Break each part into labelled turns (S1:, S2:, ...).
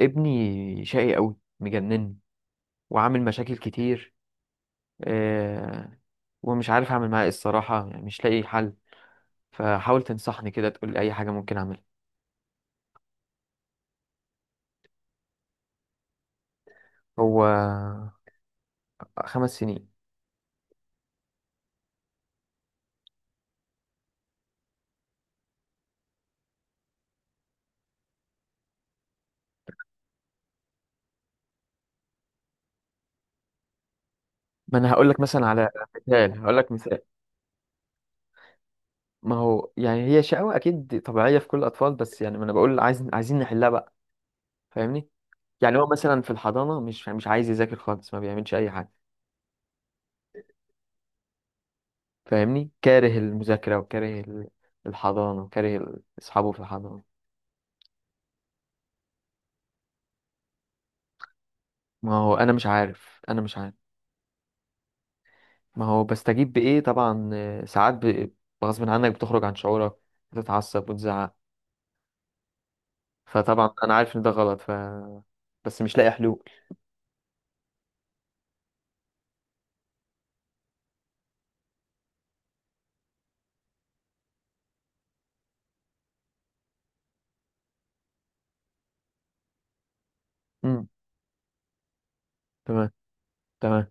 S1: ابني شقي قوي مجنني وعامل مشاكل كتير، آه ومش عارف اعمل معاه ايه الصراحه، يعني مش لاقي حل. فحاول تنصحني كده، تقول لي اي حاجه ممكن اعملها. هو خمس سنين. ما انا هقول لك مثلا مثال، هقول لك مثال. ما هو يعني هي شقاوة اكيد طبيعيه في كل الاطفال، بس يعني ما انا بقول عايزين نحلها بقى. فاهمني. يعني هو مثلا في الحضانه مش عايز يذاكر خالص، ما بيعملش اي حاجه. فاهمني، كاره المذاكره وكاره الحضانه، وكاره اصحابه في الحضانه. ما هو انا مش عارف. ما هو بستجيب بايه، طبعا، ساعات غصب عنك بتخرج عن شعورك، بتتعصب وتزعق. فطبعا انا عارف ان ده غلط، بس مش لاقي حلول. امم، تمام، تمام.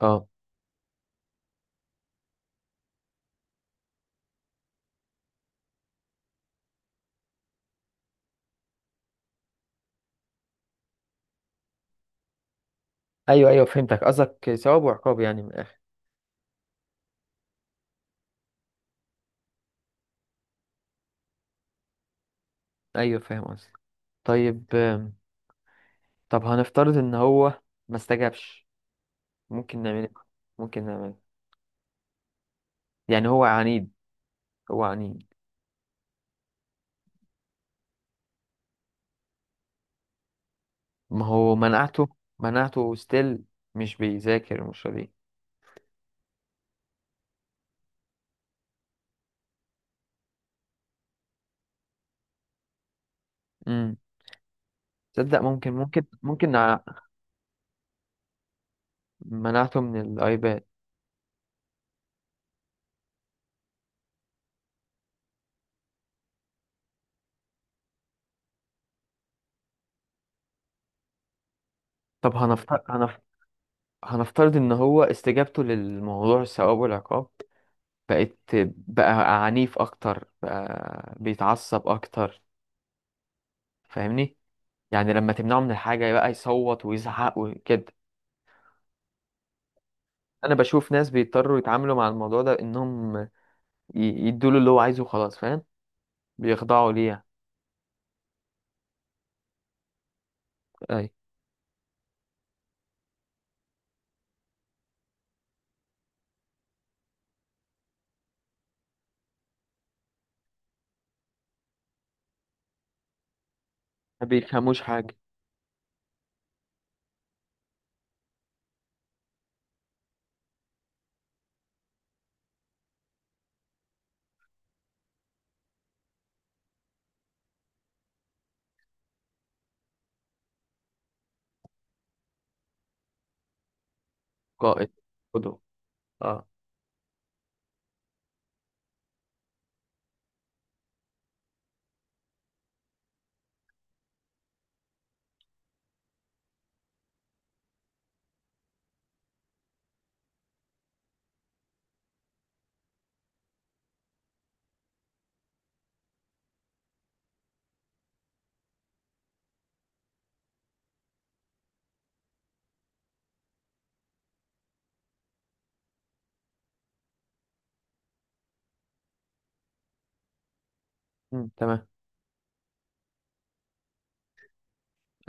S1: اه. ايوه، ايوه، فهمتك قصدك ثواب وعقاب يعني، من الاخر. ايوه، فاهم قصدك. طيب، طب هنفترض ان هو ما استجابش، ممكن نعمل ايه ممكن نعمل إيه؟ يعني هو عنيد. هو عنيد. ما هو منعته. منعته ستيل، مش بيذاكر، مش راضي. تصدق، ممكن منعته من الايباد. طب هنفترض ان هو استجابته للموضوع الثواب والعقاب، بقت بقى عنيف اكتر، بقى بيتعصب اكتر. فاهمني. يعني لما تمنعه من الحاجة، بقى يصوت ويزعق وكده. انا بشوف ناس بيضطروا يتعاملوا مع الموضوع ده انهم يدوله اللي هو عايزه، خلاص فاهم، بيخضعوا ليه يعني. اي. ما بيفهموش حاجة. قائد. قدوة. اه. أمم، تمام.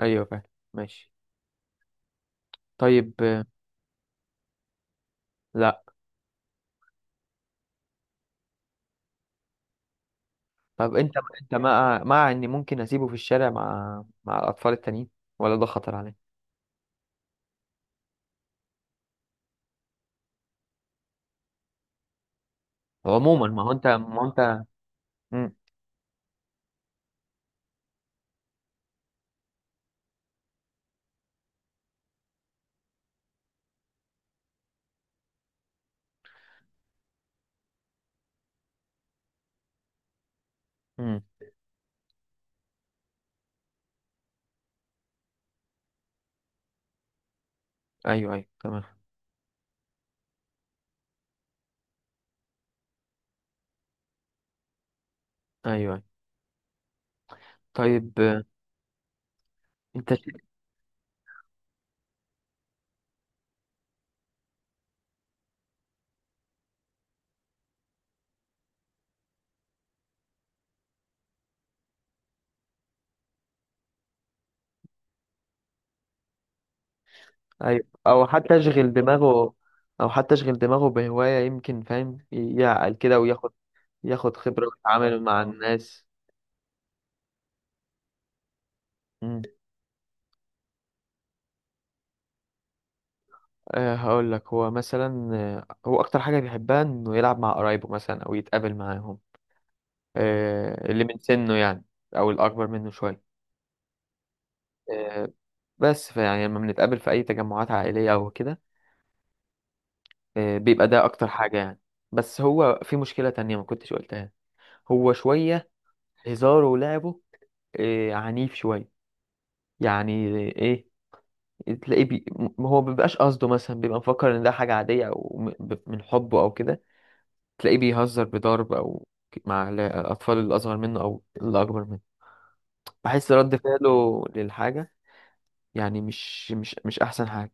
S1: ايوه، فاهم. ماشي. طيب، لا. طب انت مع اني ممكن اسيبه في الشارع مع الاطفال التانيين، ولا ده خطر عليه؟ عموما، ما هو انت. مم. مم. ايوه، ايوه، تمام. ايوه، ايوه. طيب، انت ش- ايوه، او حتى اشغل دماغه بهواية، يمكن فاهم يعقل كده، وياخد خبرة ويتعامل مع الناس. مم. أه، هقول لك، هو مثلا هو اكتر حاجة بيحبها انه يلعب مع قرايبه مثلا او يتقابل معاهم. أه، اللي من سنه يعني، او الاكبر منه شوية. آه، بس فيعني لما بنتقابل في أي تجمعات عائلية أو كده، بيبقى ده أكتر حاجة يعني. بس هو في مشكلة تانية ما كنتش قلتها. هو شوية هزاره ولعبه عنيف شوية يعني، إيه، تلاقيه هو مبيبقاش قصده، مثلا بيبقى مفكر إن ده حاجة عادية، أو من حبه أو كده. تلاقيه بيهزر بضرب أو مع الأطفال الأصغر منه أو الأكبر منه. بحس رد فعله للحاجة يعني، مش أحسن حاجة.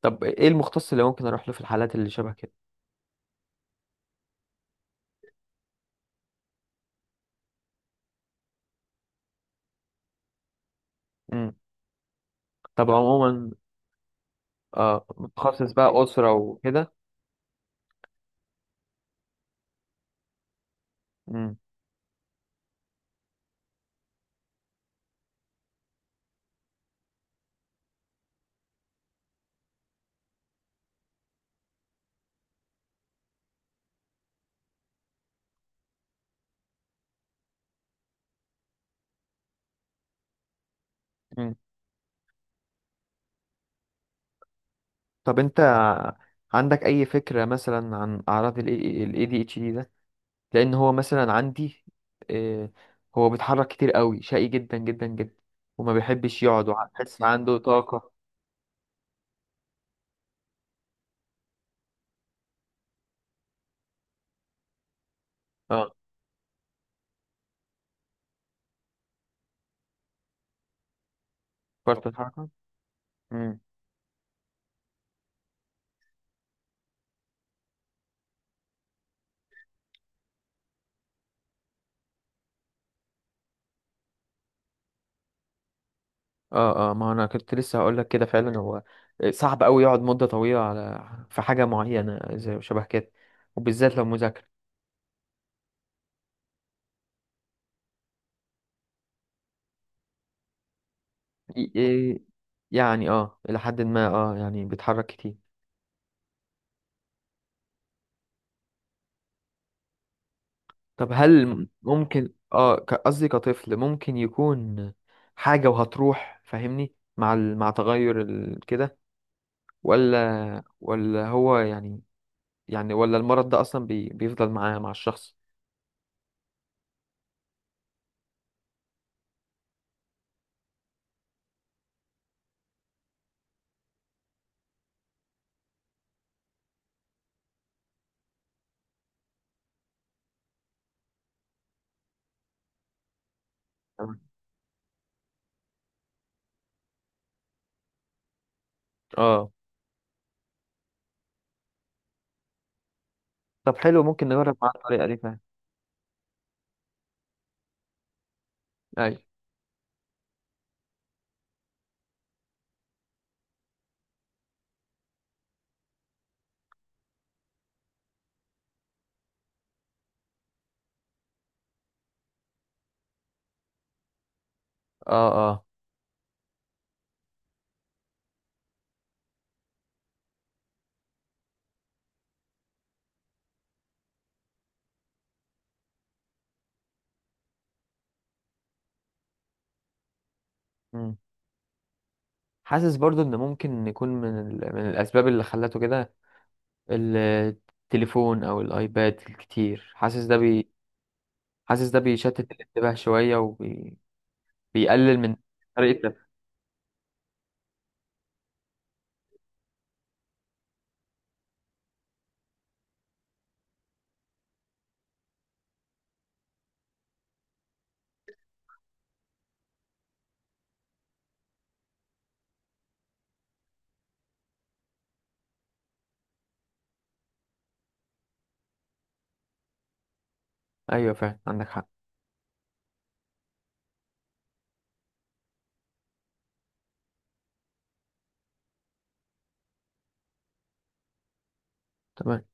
S1: طب إيه المختص اللي ممكن أروح له في الحالات اللي شبه كده؟ طب عموما، آه، متخصص بقى أسرة وكده. مم. مم. طب أنت عندك أي فكرة مثلا عن أعراض ال ADHD ده؟ لأن هو مثلا عندي، آه هو بيتحرك كتير قوي، شقي جدا جدا جدا، وما بيحبش يقعد، وحس عنده طاقة. اه، فرط الحركة. مم. اه، اه، ما أنا كنت لسه هقول لك كده فعلا، هو صعب قوي يقعد مدة طويلة على في حاجة معينة زي شبه كده، وبالذات لو مذاكرة. إيه، إيه، يعني الى حد ما، يعني بيتحرك كتير. طب هل ممكن قصدي كطفل ممكن يكون حاجة وهتروح، فاهمني، مع مع تغير كده، ولا هو يعني، يعني ولا المرض ده اصلا بيفضل معاه مع الشخص. تمام. اه. طب حلو، ممكن نجرب مع الطريقة دي فاهم. ايوه. اه، اه. مم. حاسس برضو ان ممكن يكون من من الاسباب اللي خلته كده، التليفون او الايباد الكتير، حاسس ده حاسس ده بيشتت الانتباه شوية، وبيقلل من طريقة تفكير. أيوة، فعلا عندك حق. تمام